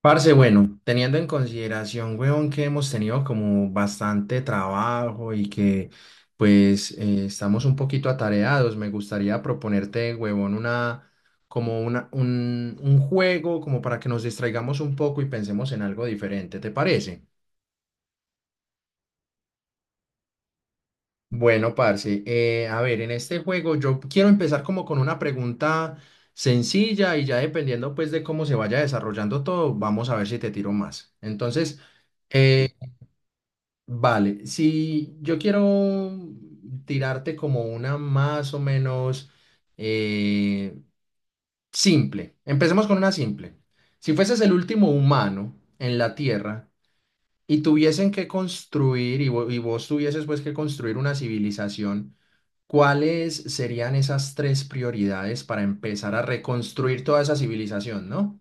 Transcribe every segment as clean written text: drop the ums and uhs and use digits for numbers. Parce, bueno, teniendo en consideración, weón, que hemos tenido como bastante trabajo y que pues estamos un poquito atareados, me gustaría proponerte, huevón, una, un juego como para que nos distraigamos un poco y pensemos en algo diferente, ¿te parece? Bueno, parce, a ver, en este juego yo quiero empezar como con una pregunta sencilla y ya dependiendo pues de cómo se vaya desarrollando todo, vamos a ver si te tiro más. Eh, Vale, si yo quiero tirarte como una más o menos eh, simple, empecemos con una simple. Si fueses el último humano en la Tierra y tuviesen que construir, y, vo- y vos tuvieses pues que construir una civilización, ¿cuáles serían esas tres prioridades para empezar a reconstruir toda esa civilización, ¿no?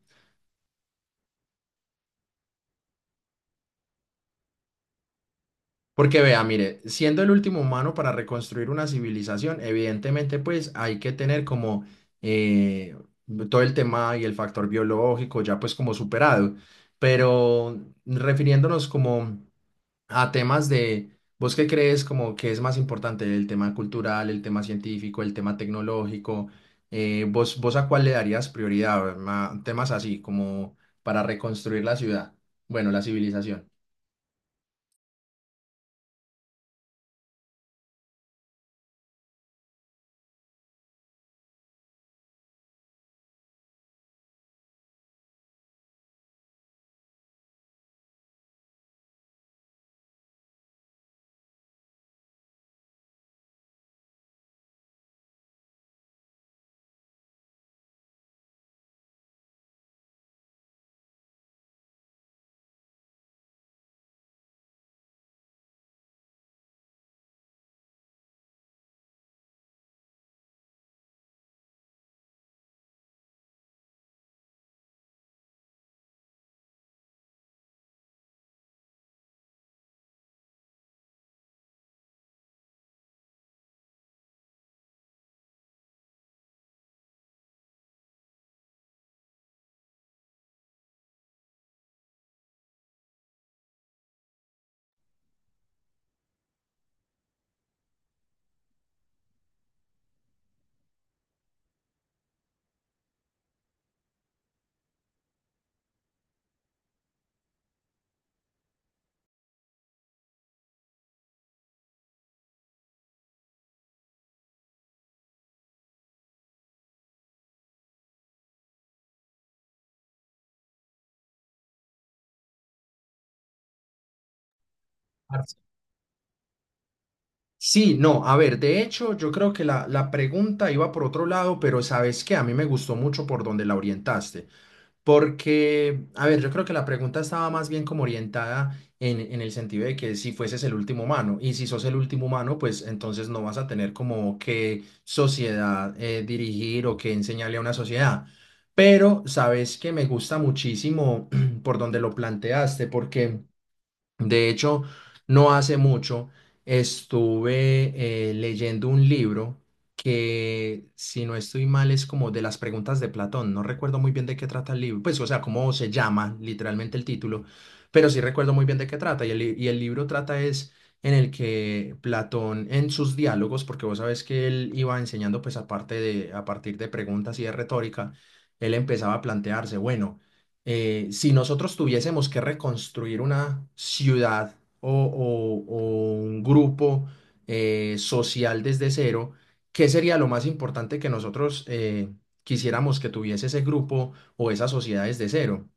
Porque vea, mire, siendo el último humano para reconstruir una civilización, evidentemente pues hay que tener como eh, todo el tema y el factor biológico ya pues como superado, pero refiriéndonos como a temas de, ¿vos qué crees como que es más importante el tema cultural, el tema científico, el tema tecnológico? ¿Vos ¿a cuál le darías prioridad? Temas así como para reconstruir la ciudad, bueno, la civilización. Sí, no, a ver, de hecho, yo creo que la pregunta iba por otro lado, pero sabes que a mí me gustó mucho por donde la orientaste, porque, a ver, yo creo que la pregunta estaba más bien como orientada en el sentido de que si fueses el último humano, y si sos el último humano, pues entonces no vas a tener como qué sociedad dirigir o qué enseñarle a una sociedad. Pero sabes que me gusta muchísimo por donde lo planteaste, porque... De hecho, no hace mucho estuve leyendo un libro que, si no estoy mal, es como de las preguntas de Platón. No recuerdo muy bien de qué trata el libro, pues, o sea, cómo se llama literalmente el título, pero sí recuerdo muy bien de qué trata. Y y el libro trata es en el que Platón, en sus diálogos, porque vos sabes que él iba enseñando, pues, aparte de, a partir de preguntas y de retórica, él empezaba a plantearse, bueno, si nosotros tuviésemos que reconstruir una ciudad o un grupo social desde cero, ¿qué sería lo más importante que nosotros quisiéramos que tuviese ese grupo o esas sociedades de cero?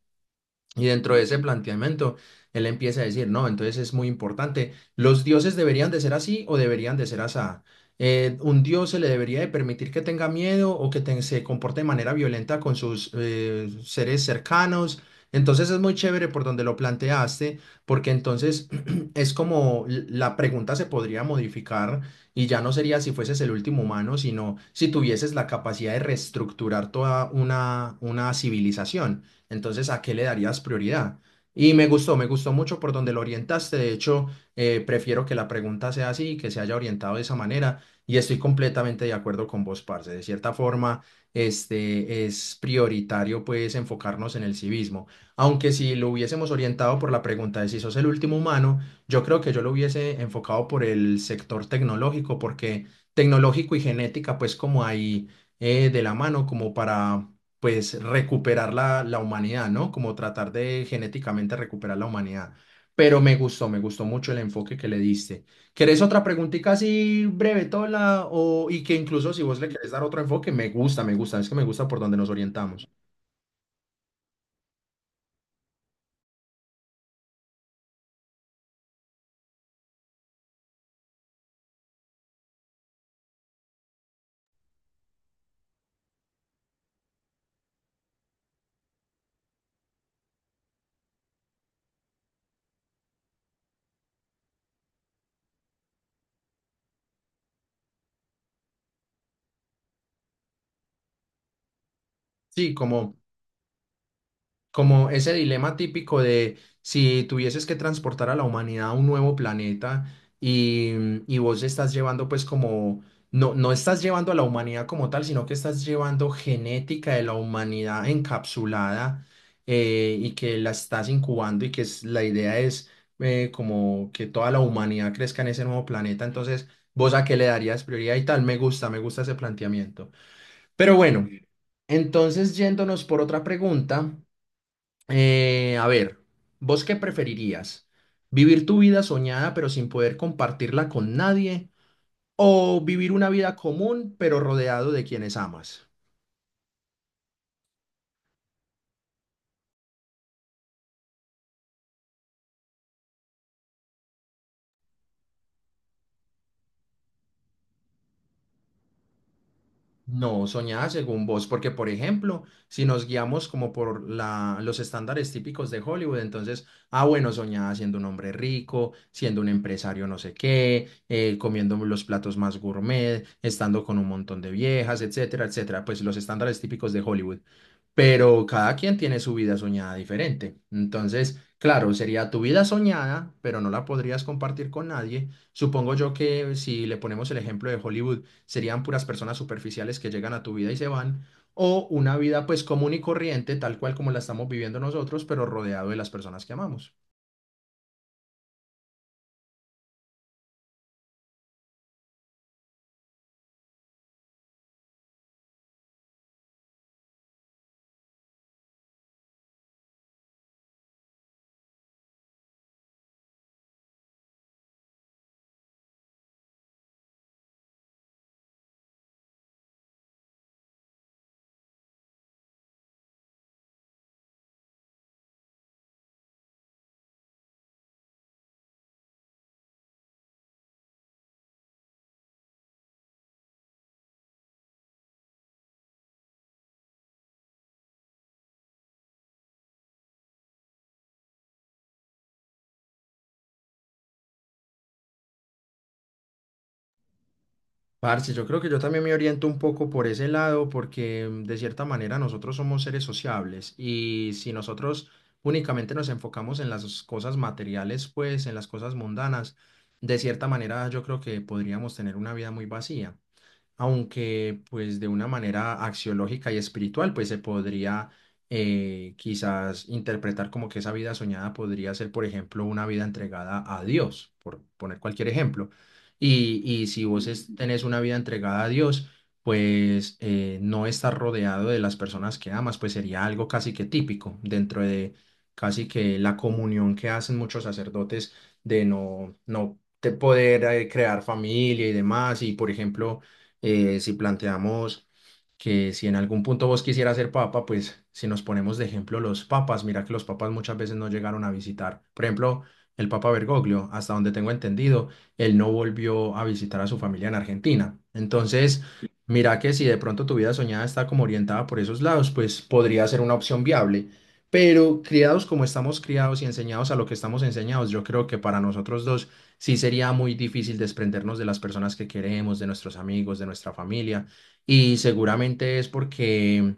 Y dentro de ese planteamiento, él empieza a decir, no, entonces es muy importante, los dioses deberían de ser así o deberían de ser asá. Un dios se le debería de permitir que tenga miedo o que se comporte de manera violenta con sus seres cercanos. Entonces es muy chévere por donde lo planteaste, porque entonces es como la pregunta se podría modificar y ya no sería si fueses el último humano, sino si tuvieses la capacidad de reestructurar toda una civilización. Entonces, ¿a qué le darías prioridad? Y me gustó mucho por donde lo orientaste. De hecho, prefiero que la pregunta sea así, que se haya orientado de esa manera. Y estoy completamente de acuerdo con vos, parce. De cierta forma, este es prioritario, pues, enfocarnos en el civismo. Aunque si lo hubiésemos orientado por la pregunta de si sos el último humano, yo creo que yo lo hubiese enfocado por el sector tecnológico, porque tecnológico y genética, pues, como ahí de la mano, como para pues recuperar la humanidad, ¿no? Como tratar de genéticamente recuperar la humanidad. Pero me gustó mucho el enfoque que le diste. ¿Querés otra preguntita así breve, Tola? O, y que incluso si vos le querés dar otro enfoque, es que me gusta por donde nos orientamos. Sí, como... Como ese dilema típico de si tuvieses que transportar a la humanidad a un nuevo planeta y, y vos estás llevando pues como, no, no estás llevando a la humanidad como tal, sino que estás llevando genética de la humanidad encapsulada y que la estás incubando y que la idea es como que toda la humanidad crezca en ese nuevo planeta. Entonces, ¿vos a qué le darías prioridad y tal? Me gusta ese planteamiento. Pero bueno, entonces yéndonos por otra pregunta. A ver, ¿vos qué preferirías? ¿Vivir tu vida soñada pero sin poder compartirla con nadie? ¿O vivir una vida común pero rodeado de quienes amas? No, soñada según vos, porque por ejemplo, si nos guiamos como por los estándares típicos de Hollywood, entonces, ah, bueno, soñada siendo un hombre rico, siendo un empresario no sé qué, comiendo los platos más gourmet, estando con un montón de viejas, etcétera, etcétera, pues los estándares típicos de Hollywood. Pero cada quien tiene su vida soñada diferente. Entonces, claro, sería tu vida soñada, pero no la podrías compartir con nadie. Supongo yo que si le ponemos el ejemplo de Hollywood, serían puras personas superficiales que llegan a tu vida y se van, o una vida pues común y corriente, tal cual como la estamos viviendo nosotros, pero rodeado de las personas que amamos. Parce, yo creo que yo también me oriento un poco por ese lado porque de cierta manera nosotros somos seres sociables y si nosotros únicamente nos enfocamos en las cosas materiales, pues en las cosas mundanas, de cierta manera yo creo que podríamos tener una vida muy vacía aunque pues de una manera axiológica y espiritual, pues se podría quizás interpretar como que esa vida soñada podría ser, por ejemplo, una vida entregada a Dios, por poner cualquier ejemplo. Y si vos tenés una vida entregada a Dios, pues no estar rodeado de las personas que amas, pues sería algo casi que típico dentro de casi que la comunión que hacen muchos sacerdotes de no te poder crear familia y demás. Y por ejemplo, si planteamos que si en algún punto vos quisieras ser papa, pues si nos ponemos de ejemplo los papas, mira que los papas muchas veces no llegaron a visitar. Por ejemplo, el papa Bergoglio, hasta donde tengo entendido, él no volvió a visitar a su familia en Argentina. Entonces, mira que si de pronto tu vida soñada está como orientada por esos lados, pues podría ser una opción viable. Pero criados como estamos criados y enseñados a lo que estamos enseñados, yo creo que para nosotros dos sí sería muy difícil desprendernos de las personas que queremos, de nuestros amigos, de nuestra familia. Y seguramente es porque,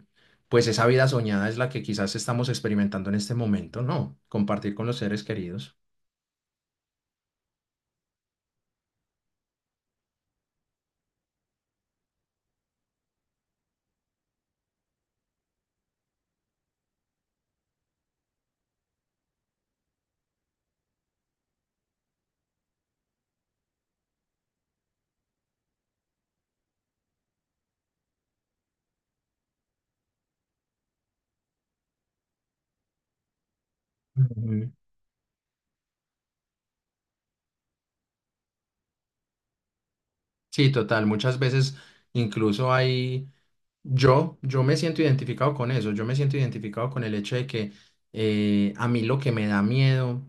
pues, esa vida soñada es la que quizás estamos experimentando en este momento, ¿no? Compartir con los seres queridos. Ujú. Sí, total. Muchas veces incluso hay, yo me siento identificado con eso. Yo me siento identificado con el hecho de que a mí lo que me da miedo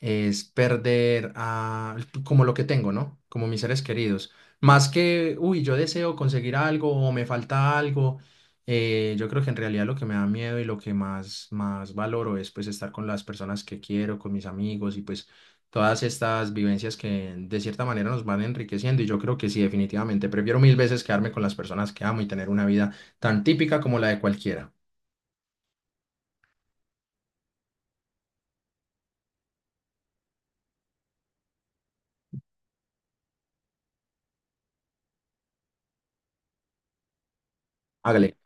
es perder como lo que tengo, ¿no? Como mis seres queridos. Más que, uy, yo deseo conseguir algo o me falta algo, yo creo que en realidad lo que me da miedo y lo que más valoro es pues estar con las personas que quiero, con mis amigos y pues todas estas vivencias que de cierta manera nos van enriqueciendo y yo creo que sí, definitivamente, prefiero mil veces quedarme con las personas que amo y tener una vida tan típica como la de cualquiera. Hágale.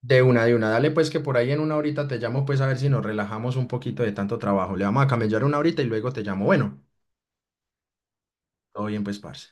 De una, de una. Dale pues que por ahí en una horita te llamo pues a ver si nos relajamos un poquito de tanto trabajo. Le vamos a camellar una horita y luego te llamo. Bueno, todo bien pues, parce.